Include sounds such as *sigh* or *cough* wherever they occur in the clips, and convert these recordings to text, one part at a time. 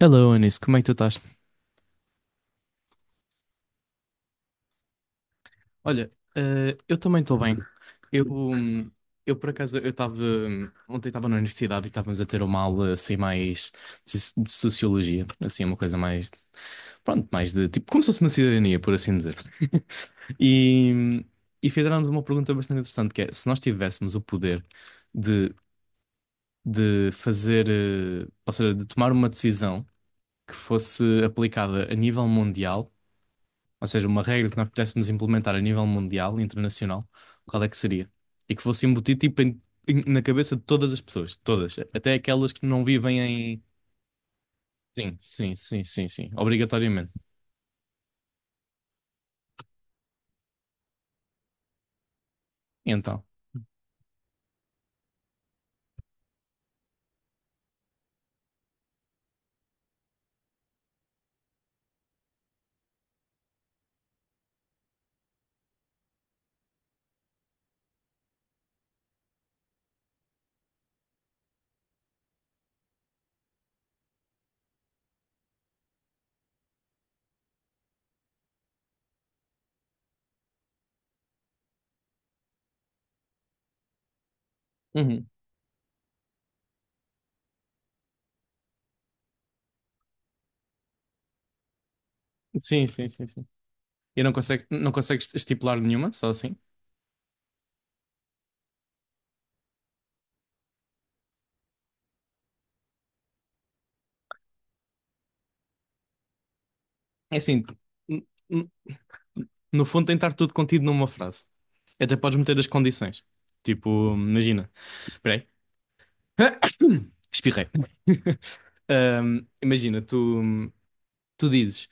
Hello, Anis, como é que tu estás? Olha, eu também estou bem. Eu, hum, eu por acaso, ontem estava na universidade e estávamos a ter uma aula assim mais de sociologia, assim uma coisa mais, pronto, mais de tipo, como se fosse uma cidadania, por assim dizer. *laughs* E, e fizeram-nos uma pergunta bastante interessante, que é, se nós tivéssemos o poder de, de fazer, ou seja, de tomar uma decisão que fosse aplicada a nível mundial. Ou seja, uma regra que nós pudéssemos implementar a nível mundial, internacional, qual é que seria? E que fosse embutido tipo, na cabeça de todas as pessoas, todas, até aquelas que não vivem em. Sim, sim, sim, sim, sim, obrigatoriamente. E então. Uhum. Sim, sim, sim, sim. E não consegues, não consegues estipular nenhuma, só assim. É assim, n- n- no fundo tem de estar tudo contido numa frase. Até podes meter as condições. Tipo, imagina. Espera aí. *laughs* *coughs* Espirrei. Imagina, tu dizes,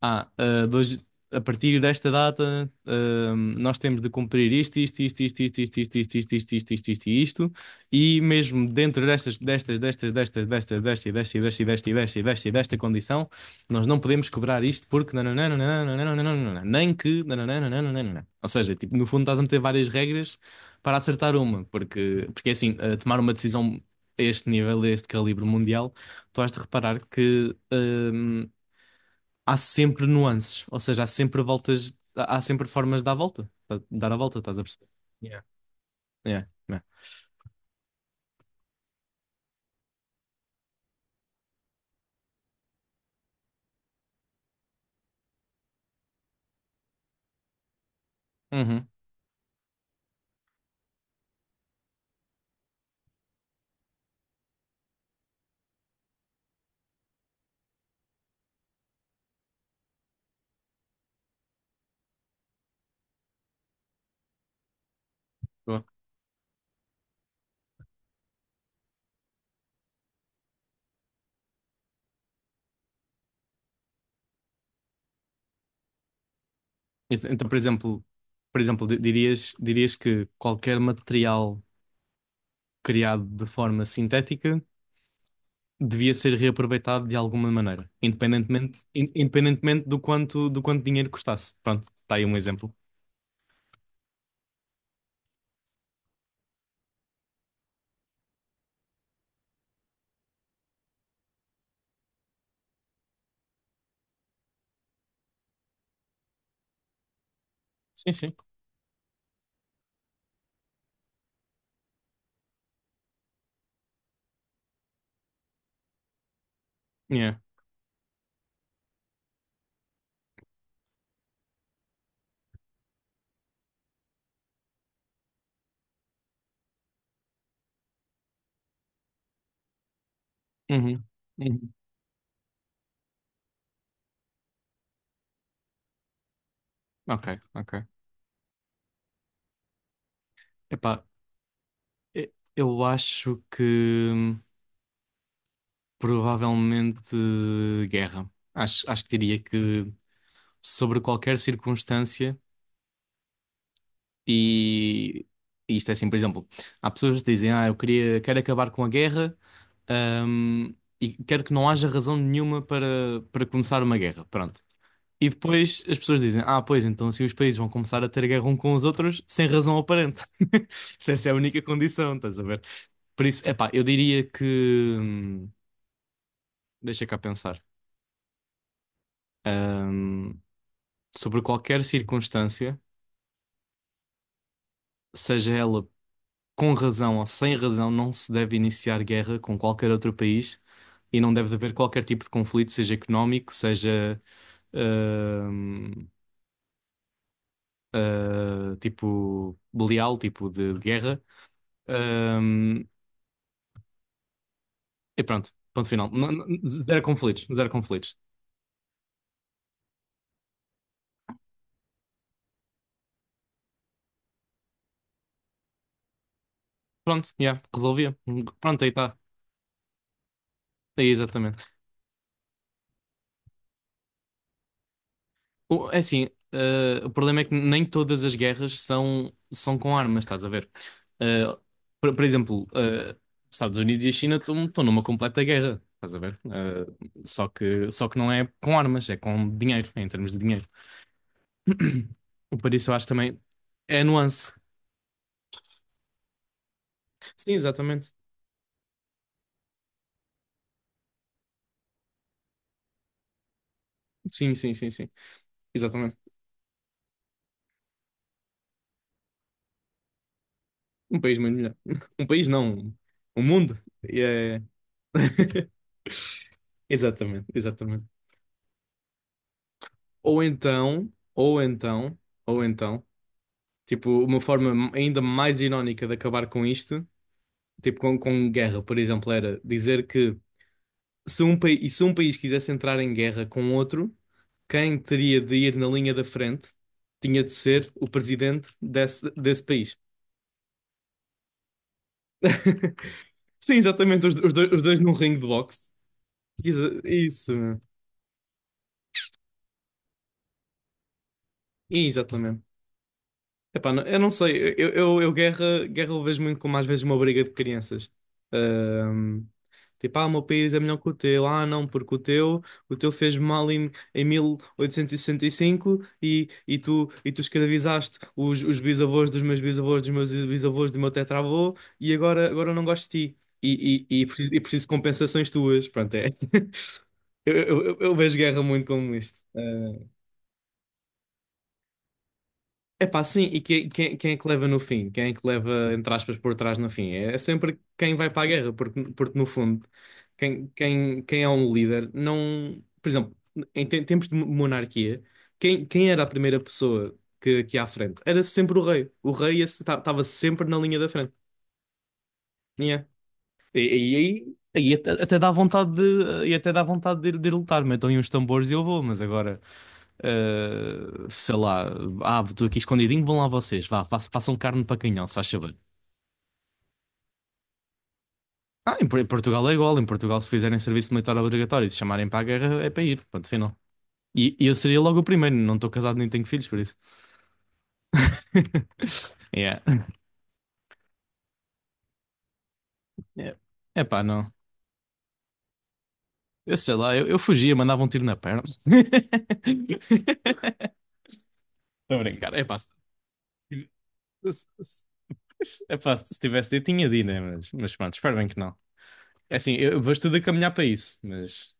ah, ah, de hoje- a partir desta data, nós temos de cumprir isto, isto, isto, isto, isto, isto, isto, isto, isto, isto, isto, isto, isto, e isto, e mesmo dentro destas, destas, destas, destas, destas, desta, e desta, e desta, e desta, e desta, e desta, e desta condição, nós não podemos cobrar isto porque nananã, nananã, nananã, nananã, nem que nananã, nananã, nananã. Ou seja, tipo, no fundo estás a meter várias regras para acertar uma, porque é assim, tomar uma decisão a este nível, a este calibre mundial, tu has de reparar que há sempre nuances, ou seja, há sempre voltas, há sempre formas de dar a volta, dar a volta, estás a perceber? Yeah. É, é. Uhum. Boa. Isso, então, por exemplo, dirias que qualquer material criado de forma sintética devia ser reaproveitado de alguma maneira, independentemente do quanto dinheiro custasse. Pronto, está aí um exemplo. Sim, sim. Yeah. Uhum. Uhum. Ok, ok. Epá, eu acho que. hum, Provavelmente guerra. Acho que diria que sobre qualquer circunstância, e, e isto é assim, por exemplo, há pessoas que dizem, eu quero acabar com a guerra, ahm, e quero que não haja razão nenhuma para começar uma guerra. Pronto. E depois as pessoas dizem, pois, então assim os países vão começar a ter guerra um com os outros sem razão aparente. *laughs* Se essa é a única condição, estás a ver? Por isso, epá, eu diria que. hum, Deixa cá pensar. hum, Sobre qualquer circunstância, seja ela com razão ou sem razão, não se deve iniciar guerra com qualquer outro país e não deve haver qualquer tipo de conflito, seja económico, seja ahm, tipo belial, tipo de guerra. Ahm, e pronto, ponto final. Zero conflitos, zero conflitos. Pronto, yeah, resolvia. Pronto, aí está. Aí exatamente. É assim, o problema é que nem todas as guerras são com armas, estás a ver? Eh, por exemplo, os Estados Unidos e a China estão numa completa guerra, estás a ver? Só que não é com armas, é com dinheiro, é em termos de dinheiro. *clears throat* Por isso eu acho também é a nuance. Sim, exatamente. Sim, sim, sim, sim. Exatamente. Um país muito melhor. *laughs* Um país não, um mundo. É, exatamente, exatamente. Ou então, ou então, ou então. Tipo, uma forma ainda mais irónica de acabar com isto, tipo com guerra, por exemplo, era dizer que se um país quisesse entrar em guerra com outro, quem teria de ir na linha da frente tinha de ser o presidente desse país. *laughs* Sim, exatamente, os dois num ringue de boxe. Isso, isso, mano. Exatamente. Epá, eu não sei, eu guerra eu vejo muito como às vezes uma briga de crianças. Ahm, tipo, o meu país é melhor que o teu, não, porque o teu fez mal em, 1865 e, sessenta e cinco e tu escravizaste os bisavós dos meus bisavós, dos meus bisavós, do meu tetravô e agora eu não gosto de ti e preciso de compensações tuas. Pronto, é. *laughs* Eu vejo guerra muito como isto. Epá, sim, e quem é que leva no fim? Quem é que leva, entre aspas, por trás no fim? É é sempre quem vai para a guerra, porque no fundo, quem é um líder não. Por exemplo, em tempos de monarquia, quem era a primeira pessoa que ia à frente? Era sempre o rei. O rei estava sempre na linha da frente. Yeah. E, e aí, até dá vontade de ir lutar. Metam aí uns tambores e eu vou, mas agora. Sei lá, estou aqui escondidinho, vão lá vocês, vá, façam carne para canhão, se faz favor. Em Portugal é igual, em Portugal se fizerem serviço militar obrigatório e se chamarem para a guerra é para ir, ponto final. E eu seria logo o primeiro, não estou casado nem tenho filhos, por isso. *laughs* Yeah. É É pá, não. Eu sei lá, eu fugia, mandava um tiro na perna. *laughs* Estou a brincar, é pá. Se, É pá, se tivesse, eu tinha de ir, né? Mas pronto, espero bem que não. É assim, eu vou tudo a caminhar para isso, mas.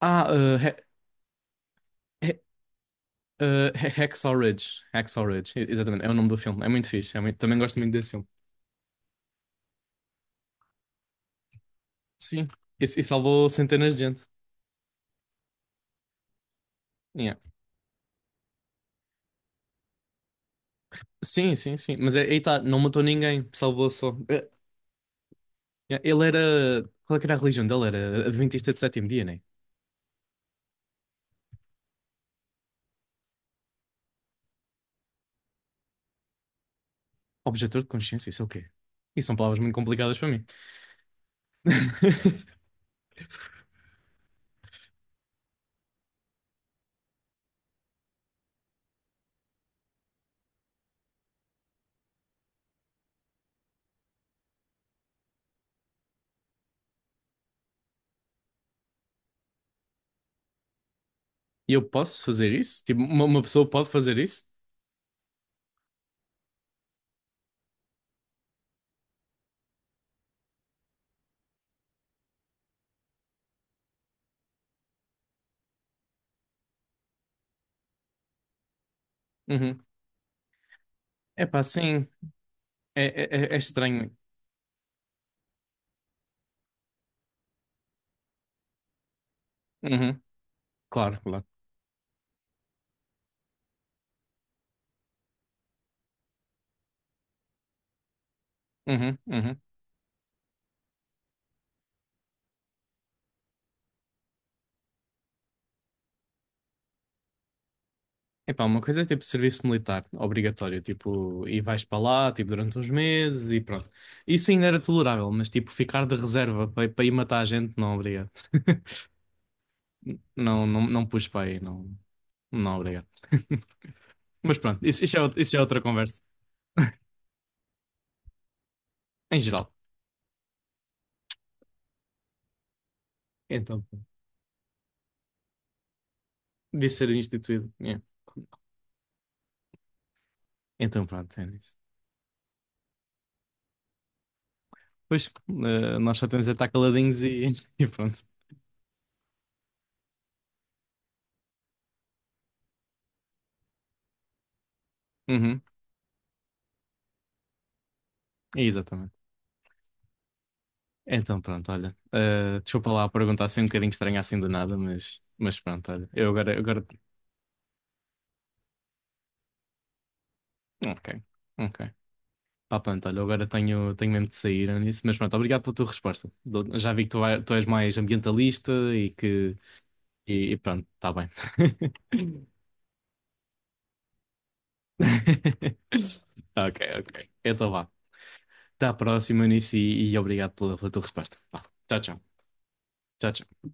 Ah, uh, He- He- Hacksaw Ridge. Hacksaw Ridge, e- exatamente, é o nome do filme. É muito fixe, também gosto muito desse filme. Sim, e salvou centenas de gente. Yeah. Sim, sim, sim. Mas é, aí tá, não matou ninguém, salvou só. Yeah, ele era. Qual é que era a religião dele? Era Adventista de sétimo dia, né? Objetor de consciência, isso é o quê? Isso são palavras muito complicadas para mim. *laughs* E eu posso fazer isso? Tipo, uma pessoa pode fazer isso? Uhum. É pá, sim. É, é, é estranho. Uhum. Claro, claro. Uhum. Uhum. Epá, uma coisa é tipo serviço militar, obrigatório, tipo, e vais para lá, tipo, durante uns meses e pronto. Isso ainda era tolerável, mas tipo, ficar de reserva para ir matar a gente, não, obrigado. Não, não, não pus para aí, não, não, obrigado. *laughs* Mas pronto, isso é outra conversa, em geral. Então, pronto. Disse ser instituído, yeah. Então pronto, é isso. Pois, nós só temos de estar caladinhos e, *laughs* e pronto. Uhum, exatamente. Então pronto, olha. Desculpa lá perguntar assim um bocadinho estranho assim do nada, mas pronto, olha. Eu agora, agora. Ok, ok. Ah, pronto, olha, eu agora tenho mesmo de sair nisso, mas pronto, obrigado pela tua resposta. Já vi que tu és mais ambientalista e que. E pronto, está bem. *laughs* Ok, ok. Então vá. Até à próxima nisso e obrigado pela tua resposta. Vá. Tchau, tchau. Tchau, tchau.